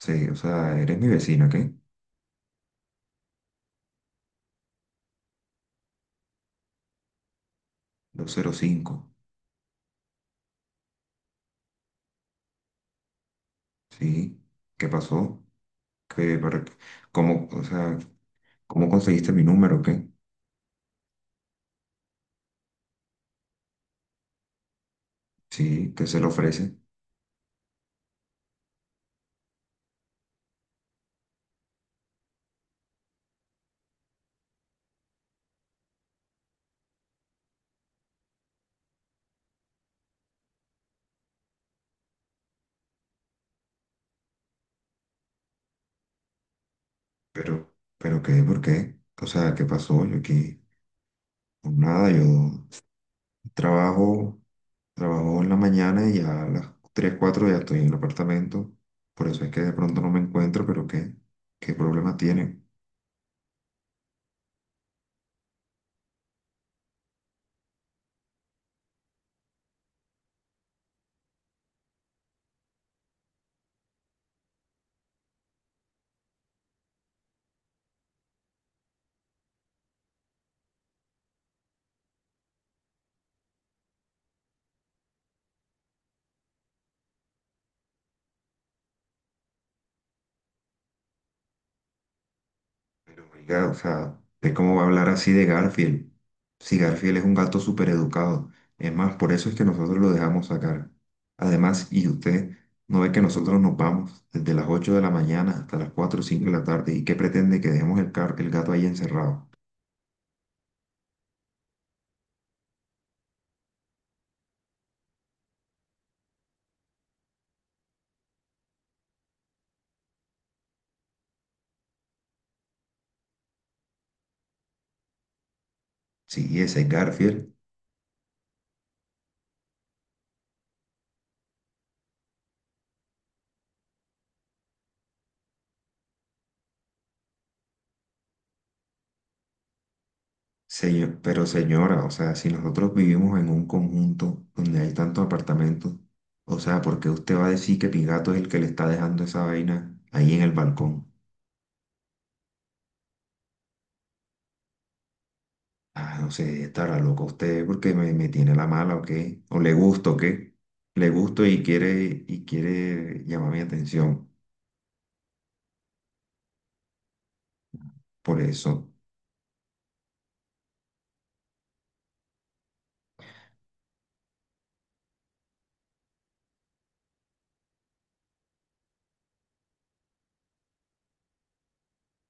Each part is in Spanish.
Sí, o sea, eres mi vecina, ¿qué? Doscientos cinco. Sí. ¿Qué pasó? ¿Qué, para, qué- cómo, o sea, ¿Cómo conseguiste mi número, qué? Sí, ¿qué se le ofrece? Pero qué, ¿por qué? O sea, ¿qué pasó? Yo aquí, pues nada, trabajo, trabajo en la mañana y ya a las 3 4 ya estoy en el apartamento. Por eso es que de pronto no me encuentro, pero ¿qué? ¿Qué problema tiene? Pero oiga, o sea, ¿de cómo va a hablar así de Garfield? Si Garfield es un gato súper educado. Es más, por eso es que nosotros lo dejamos sacar. Además, y usted no ve que nosotros nos vamos desde las 8 de la mañana hasta las 4 o 5 de la tarde. ¿Y qué pretende que dejemos el gato ahí encerrado? Sí, ese es Garfield. Pero señora, o sea, si nosotros vivimos en un conjunto donde hay tantos apartamentos, o sea, ¿por qué usted va a decir que mi gato es el que le está dejando esa vaina ahí en el balcón? Ah, no sé, estará loco usted porque me tiene la mala o qué, o le gusto o qué, le gusto y quiere llamar mi atención por eso.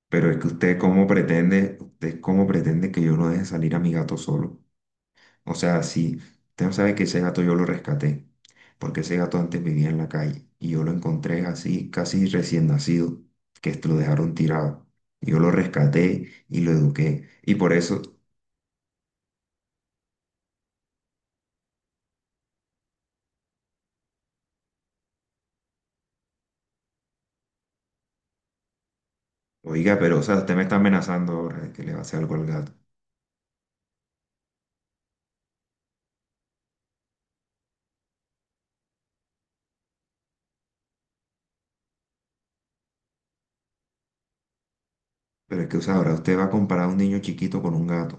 Pero es que usted cómo pretende que yo no deje salir a mi gato solo. O sea, si usted no sabe que ese gato yo lo rescaté, porque ese gato antes vivía en la calle y yo lo encontré así, casi recién nacido, que lo dejaron tirado. Yo lo rescaté y lo eduqué. Y por eso. Oiga, pero o sea, usted me está amenazando ahora de que le va a hacer algo al gato. Pero es que, o sea, ahora usted va a comparar a un niño chiquito con un gato.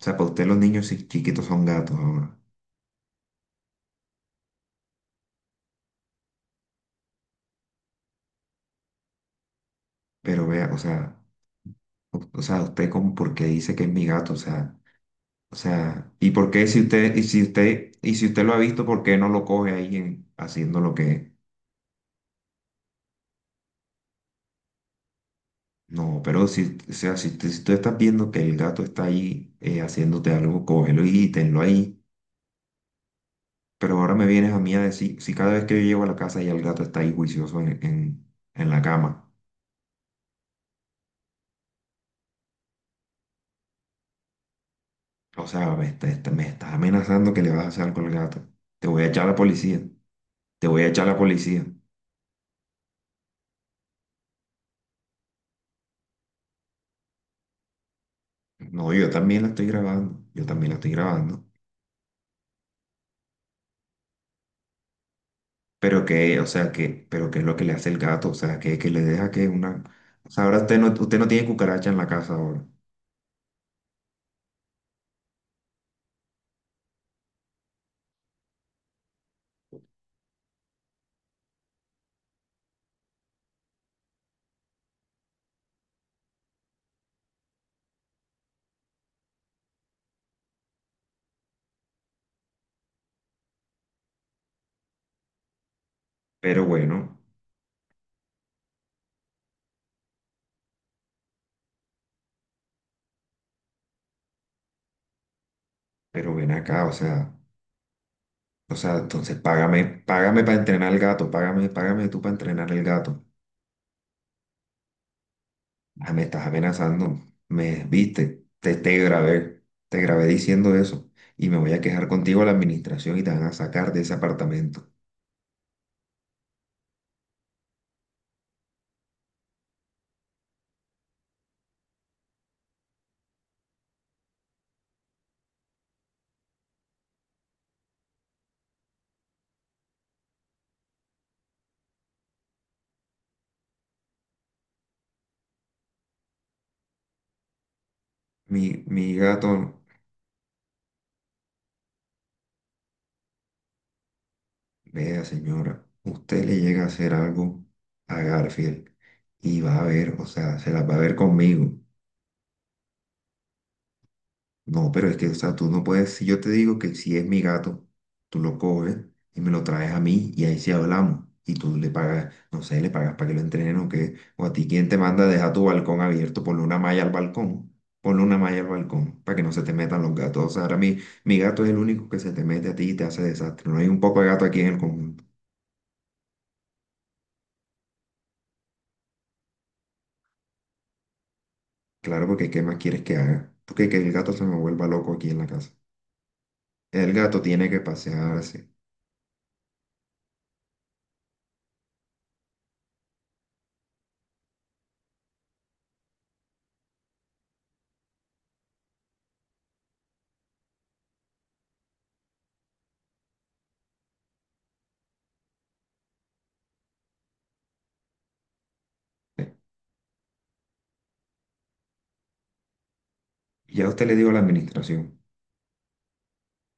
O sea, para usted los niños chiquitos son gatos ahora. Pero vea, o sea, o sea, usted como por qué dice que es mi gato, o sea, y por qué si usted, y si usted lo ha visto, ¿por qué no lo coge ahí en- haciendo lo que no? Pero si, o sea, si, si tú estás viendo que el gato está ahí haciéndote algo, cógelo y tenlo ahí. Pero ahora me vienes a mí a decir, si cada vez que yo llego a la casa y el gato está ahí juicioso en la cama. O sea, me estás amenazando que le vas a hacer algo al gato. Te voy a echar a la policía, te voy a echar a la policía. No, yo también la estoy grabando, yo también la estoy grabando. Pero que, o sea, que, pero qué es lo que le hace el gato, o sea, que le deja que una. O sea, ahora usted no tiene cucaracha en la casa ahora. Pero bueno, pero ven acá, o sea, entonces págame, págame para entrenar al gato, págame, págame tú para entrenar al gato. Ah, me estás amenazando, me viste, te, te grabé diciendo eso y me voy a quejar contigo a la administración y te van a sacar de ese apartamento. Mi gato, vea señora, usted le llega a hacer algo a Garfield y va a ver, o sea, se las va a ver conmigo. No, pero es que, o sea, tú no puedes, si yo te digo que si es mi gato, tú lo coges y me lo traes a mí y ahí sí hablamos. Y tú le pagas, no sé, le pagas para que lo entrenen o qué. O a ti, ¿quién te manda a dejar tu balcón abierto? Ponle una malla al balcón. Ponle una malla al balcón para que no se te metan los gatos. O sea, ahora mi gato es el único que se te mete a ti y te hace desastre. No hay un poco de gato aquí en el conjunto. Claro, porque ¿qué más quieres que haga? ¿Tú qué, que el gato se me vuelva loco aquí en la casa? El gato tiene que pasearse. Ya usted le digo a la administración.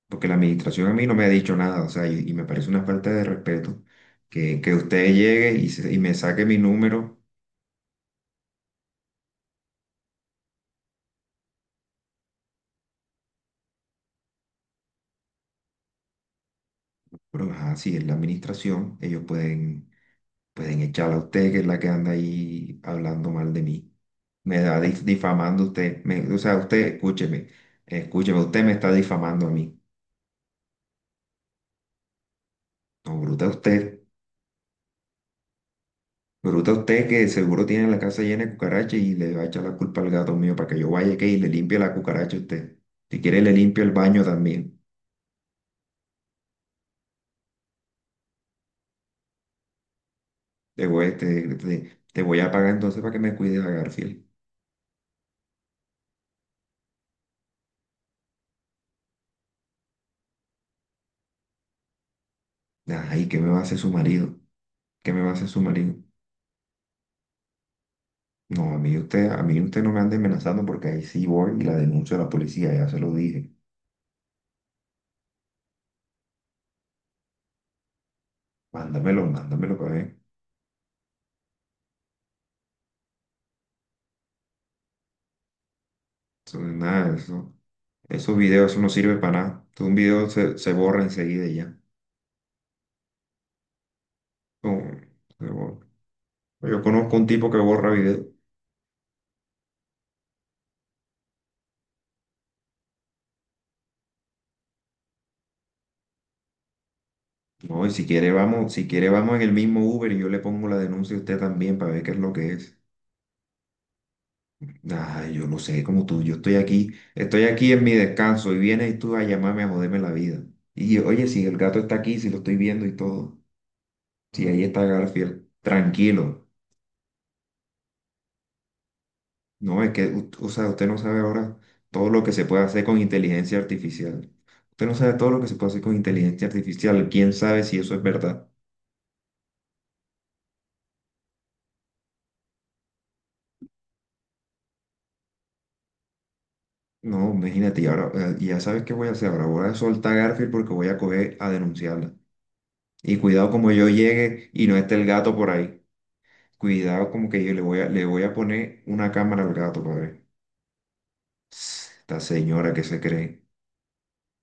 Porque la administración a mí no me ha dicho nada, o sea, y me parece una falta de respeto que usted llegue y me saque mi número, pero ajá, si es la administración, ellos pueden, pueden echarla a usted, que es la que anda ahí hablando mal de mí. Me da difamando usted, me- o sea, usted, escúcheme, escúcheme, usted me está difamando a mí. No, bruta usted que seguro tiene la casa llena de cucarachas y le va a echar la culpa al gato mío para que yo vaya que y le limpie la cucaracha a usted. Si quiere, le limpio el baño también. Te voy, te voy a pagar entonces para que me cuides a Garfield. Ay, ¿qué me va a hacer su marido? ¿Qué me va a hacer su marido? No, a mí usted no me ande amenazando porque ahí sí voy y la denuncio a la policía, ya se lo dije. Mándamelo, mándamelo para ver. Eso no es nada, eso, esos videos, eso no sirve para nada. Todo un video se borra enseguida y ya. No, se borra. Yo conozco un tipo que borra videos. No, y si quiere vamos, si quiere vamos en el mismo Uber y yo le pongo la denuncia a usted también para ver qué es lo que es. Ay, yo no sé, como tú, yo estoy aquí en mi descanso y vienes tú a llamarme a joderme la vida. Y oye, si el gato está aquí, si lo estoy viendo y todo, si ahí está Garfield, tranquilo. No, es que, o sea, usted no sabe ahora todo lo que se puede hacer con inteligencia artificial. Usted no sabe todo lo que se puede hacer con inteligencia artificial. ¿Quién sabe si eso es verdad? No, imagínate, y ahora, ya sabes qué voy a hacer. Ahora voy a soltar a Garfield porque voy a coger a denunciarla. Y cuidado como yo llegue y no esté el gato por ahí. Cuidado, como que yo le voy a poner una cámara al gato, padre. Esta señora que se cree.